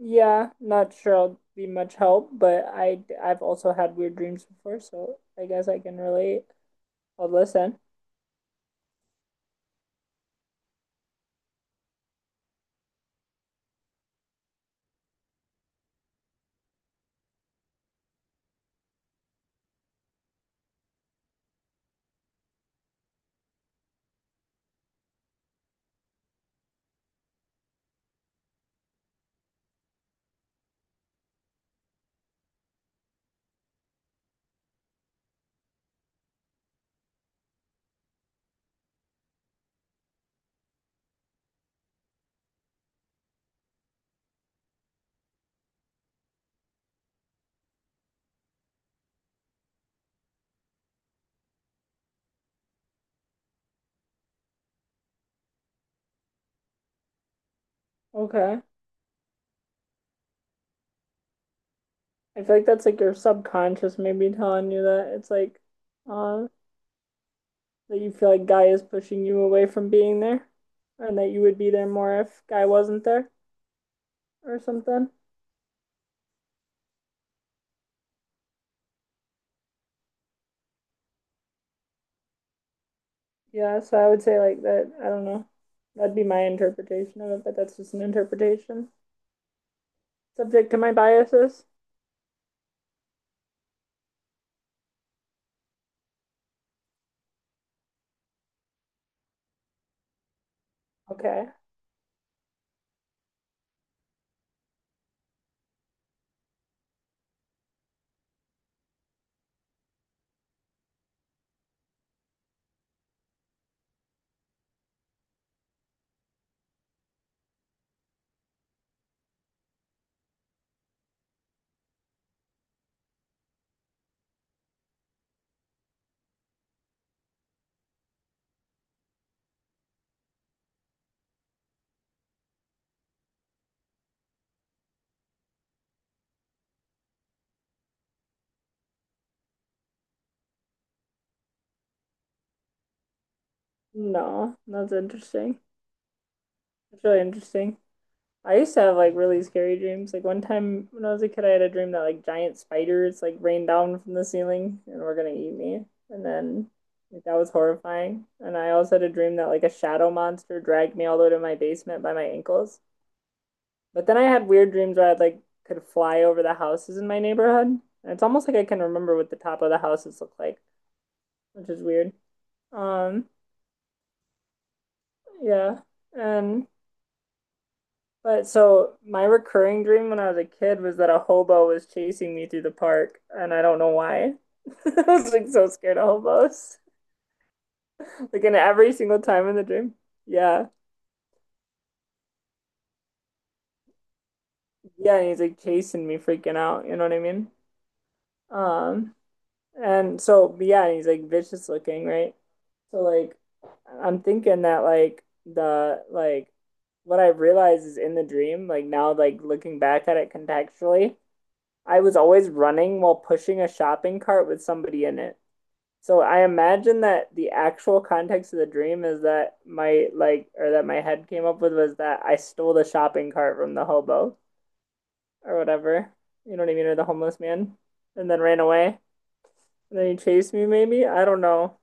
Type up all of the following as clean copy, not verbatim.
Yeah, not sure I'll be much help, but I've also had weird dreams before, so I guess I can relate. I'll listen. Okay. I feel like that's like your subconscious maybe telling you that it's like uh that you feel like Guy is pushing you away from being there, and that you would be there more if Guy wasn't there or something. Yeah, so I would say like that, I don't know. That'd be my interpretation of it, but that's just an interpretation. Subject to my biases. Okay. No, that's interesting. It's really interesting. I used to have like really scary dreams. Like one time when I was a kid, I had a dream that like giant spiders like rained down from the ceiling and were gonna eat me. And then like that was horrifying. And I also had a dream that like a shadow monster dragged me all the way to my basement by my ankles. But then I had weird dreams where I like could fly over the houses in my neighborhood. And it's almost like I can remember what the top of the houses look like, which is weird. Um, yeah. And But so my recurring dream when I was a kid was that a hobo was chasing me through the park, and I don't know why. I was like so scared of hobos. Like in every single time in the dream. Yeah. Yeah, and he's like chasing me, freaking out, you know what I mean? Um, and so but yeah, and he's like vicious looking, right? So like I'm thinking that like what I realized is in the dream, like now like looking back at it contextually, I was always running while pushing a shopping cart with somebody in it. So I imagine that the actual context of the dream is that my like, or that my head came up with, was that I stole the shopping cart from the hobo or whatever. You know what I mean, or the homeless man, and then ran away. And then he chased me, maybe. I don't know.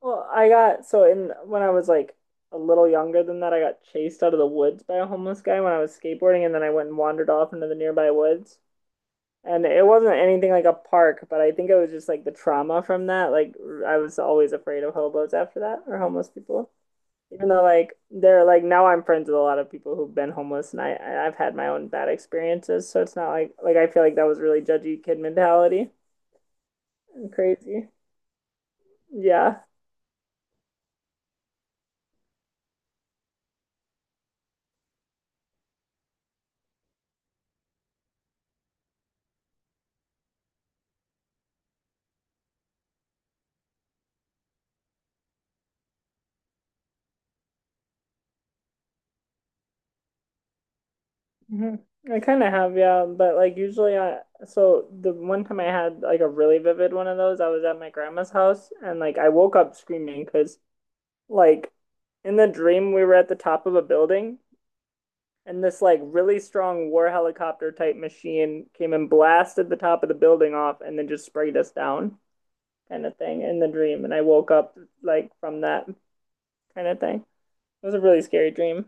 Well, I got so in when I was like a little younger than that, I got chased out of the woods by a homeless guy when I was skateboarding, and then I went and wandered off into the nearby woods. And it wasn't anything like a park, but I think it was just like the trauma from that. Like I was always afraid of hobos after that, or homeless people. Even though like they're like now I'm friends with a lot of people who've been homeless, and have had my own bad experiences, so it's not like like I feel like that was really judgy kid mentality and crazy. Yeah. hmm I kind of have, yeah, but like usually I, so the one time I had like a really vivid one of those, I was at my grandma's house and like I woke up screaming because, like, in the dream, we were at the top of a building, and this like really strong war helicopter type machine came and blasted the top of the building off, and then just sprayed us down, kind of thing. In the dream, and I woke up like from that kind of thing. It was a really scary dream.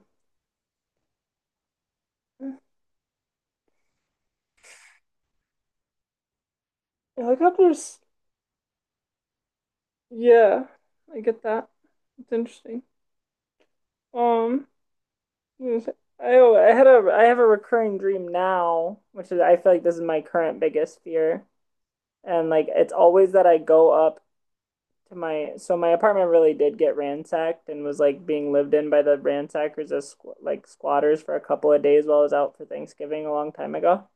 Helicopters, yeah, I get that. It's interesting. Um, I I had a, I have a recurring dream now, which is I feel like this is my current biggest fear, and like it's always that I go up to my, so my apartment really did get ransacked and was like being lived in by the ransackers as like squatters for a couple of days while I was out for Thanksgiving a long time ago,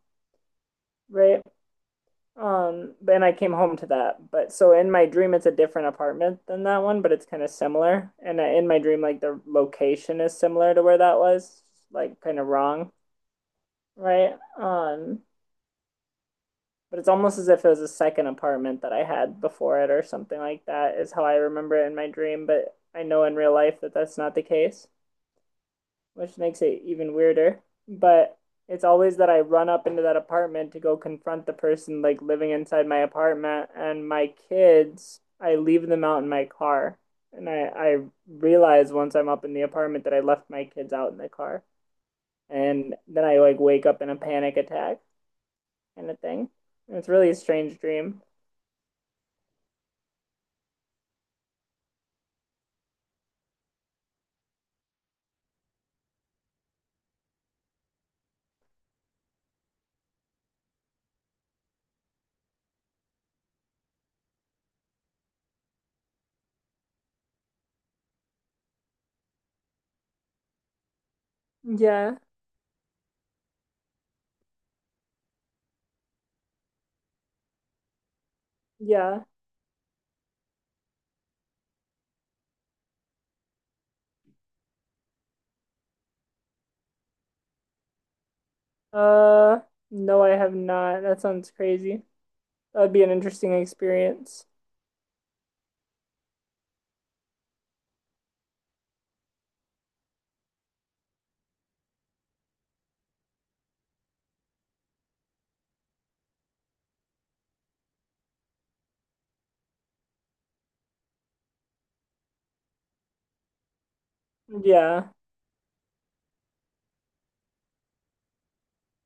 right? And I came home to that. But so in my dream, it's a different apartment than that one, but it's kind of similar. And in my dream, like the location is similar to where that was, like kind of wrong, right? But it's almost as if it was a second apartment that I had before it or something like that is how I remember it in my dream, but I know in real life that that's not the case, which makes it even weirder. But it's always that I run up into that apartment to go confront the person like living inside my apartment, and my kids, I leave them out in my car. And I realize once I'm up in the apartment that I left my kids out in the car. And then I like wake up in a panic attack kind of thing. And it's really a strange dream. Yeah. Yeah. Uh, no, I have not. That sounds crazy. That'd be an interesting experience. Yeah.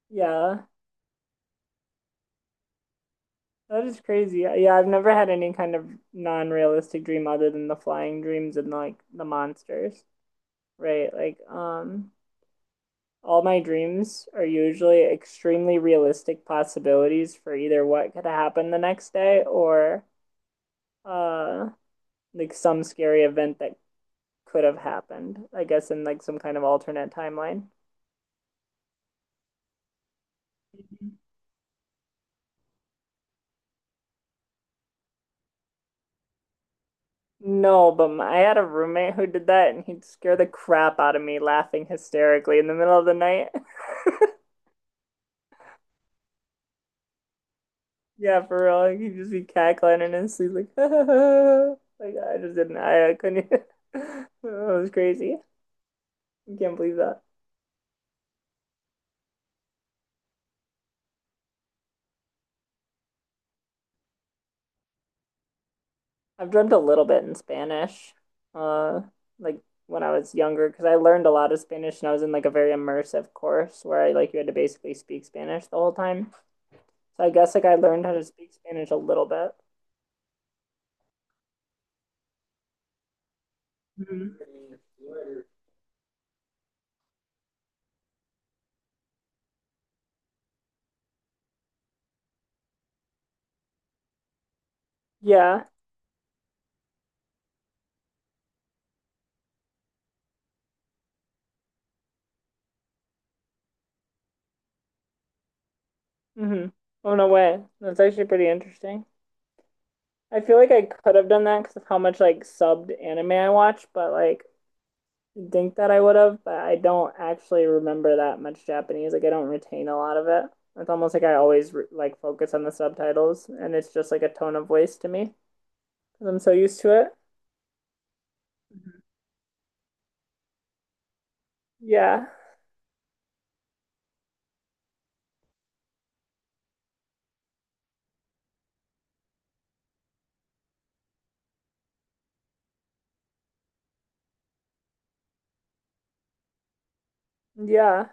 Yeah. That is crazy. Yeah, I've never had any kind of non-realistic dream other than the flying dreams and like the monsters, right? Like, all my dreams are usually extremely realistic possibilities for either what could happen the next day, or uh like some scary event that could have happened, I guess, in like some kind of alternate timeline. No, but my, I had a roommate who did that and he'd scare the crap out of me laughing hysterically in the middle of the night. Yeah, for real. Like, he'd just be cackling and his sleep like, like I just didn't I couldn't even it was crazy. I can't believe that. I've dreamt a little bit in Spanish. Uh like when I was younger because I learned a lot of Spanish and I was in like a very immersive course where I like you had to basically speak Spanish the whole time. So I guess like I learned how to speak Spanish a little bit. Mhm. Yeah. Mm-hmm. Oh, no way. That's actually pretty interesting. I feel like I could have done that because of how much like subbed anime I watch, but like you'd think that I would have, but I don't actually remember that much Japanese. Like I don't retain a lot of it. It's almost like I always re like focus on the subtitles, and it's just like a tone of voice to me because I'm so used to it. Mhm. Yeah, yeah.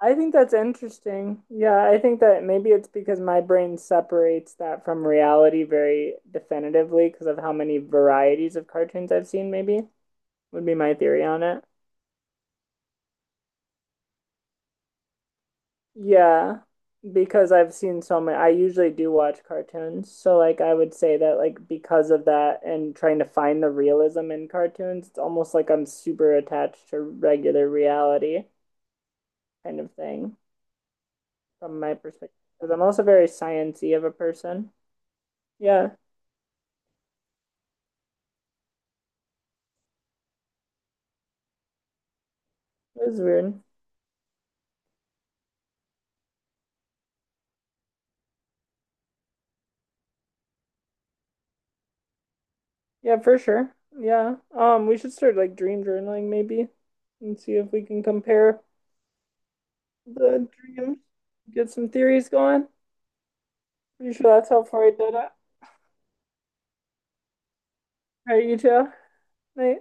I think that's interesting. Yeah, I think that maybe it's because my brain separates that from reality very definitively because of how many varieties of cartoons I've seen, maybe would be my theory on it. Yeah, because I've seen so many, I usually do watch cartoons. So, like, I would say that, like, because of that and trying to find the realism in cartoons, it's almost like I'm super attached to regular reality kind of thing from my perspective. Because I'm also very sciencey of a person. Yeah. It is weird. Yeah, for sure. Yeah. We should start like dream journaling maybe and see if we can compare the dreams. Get some theories going. Pretty sure that's how Freud did it. All right, you too. Night.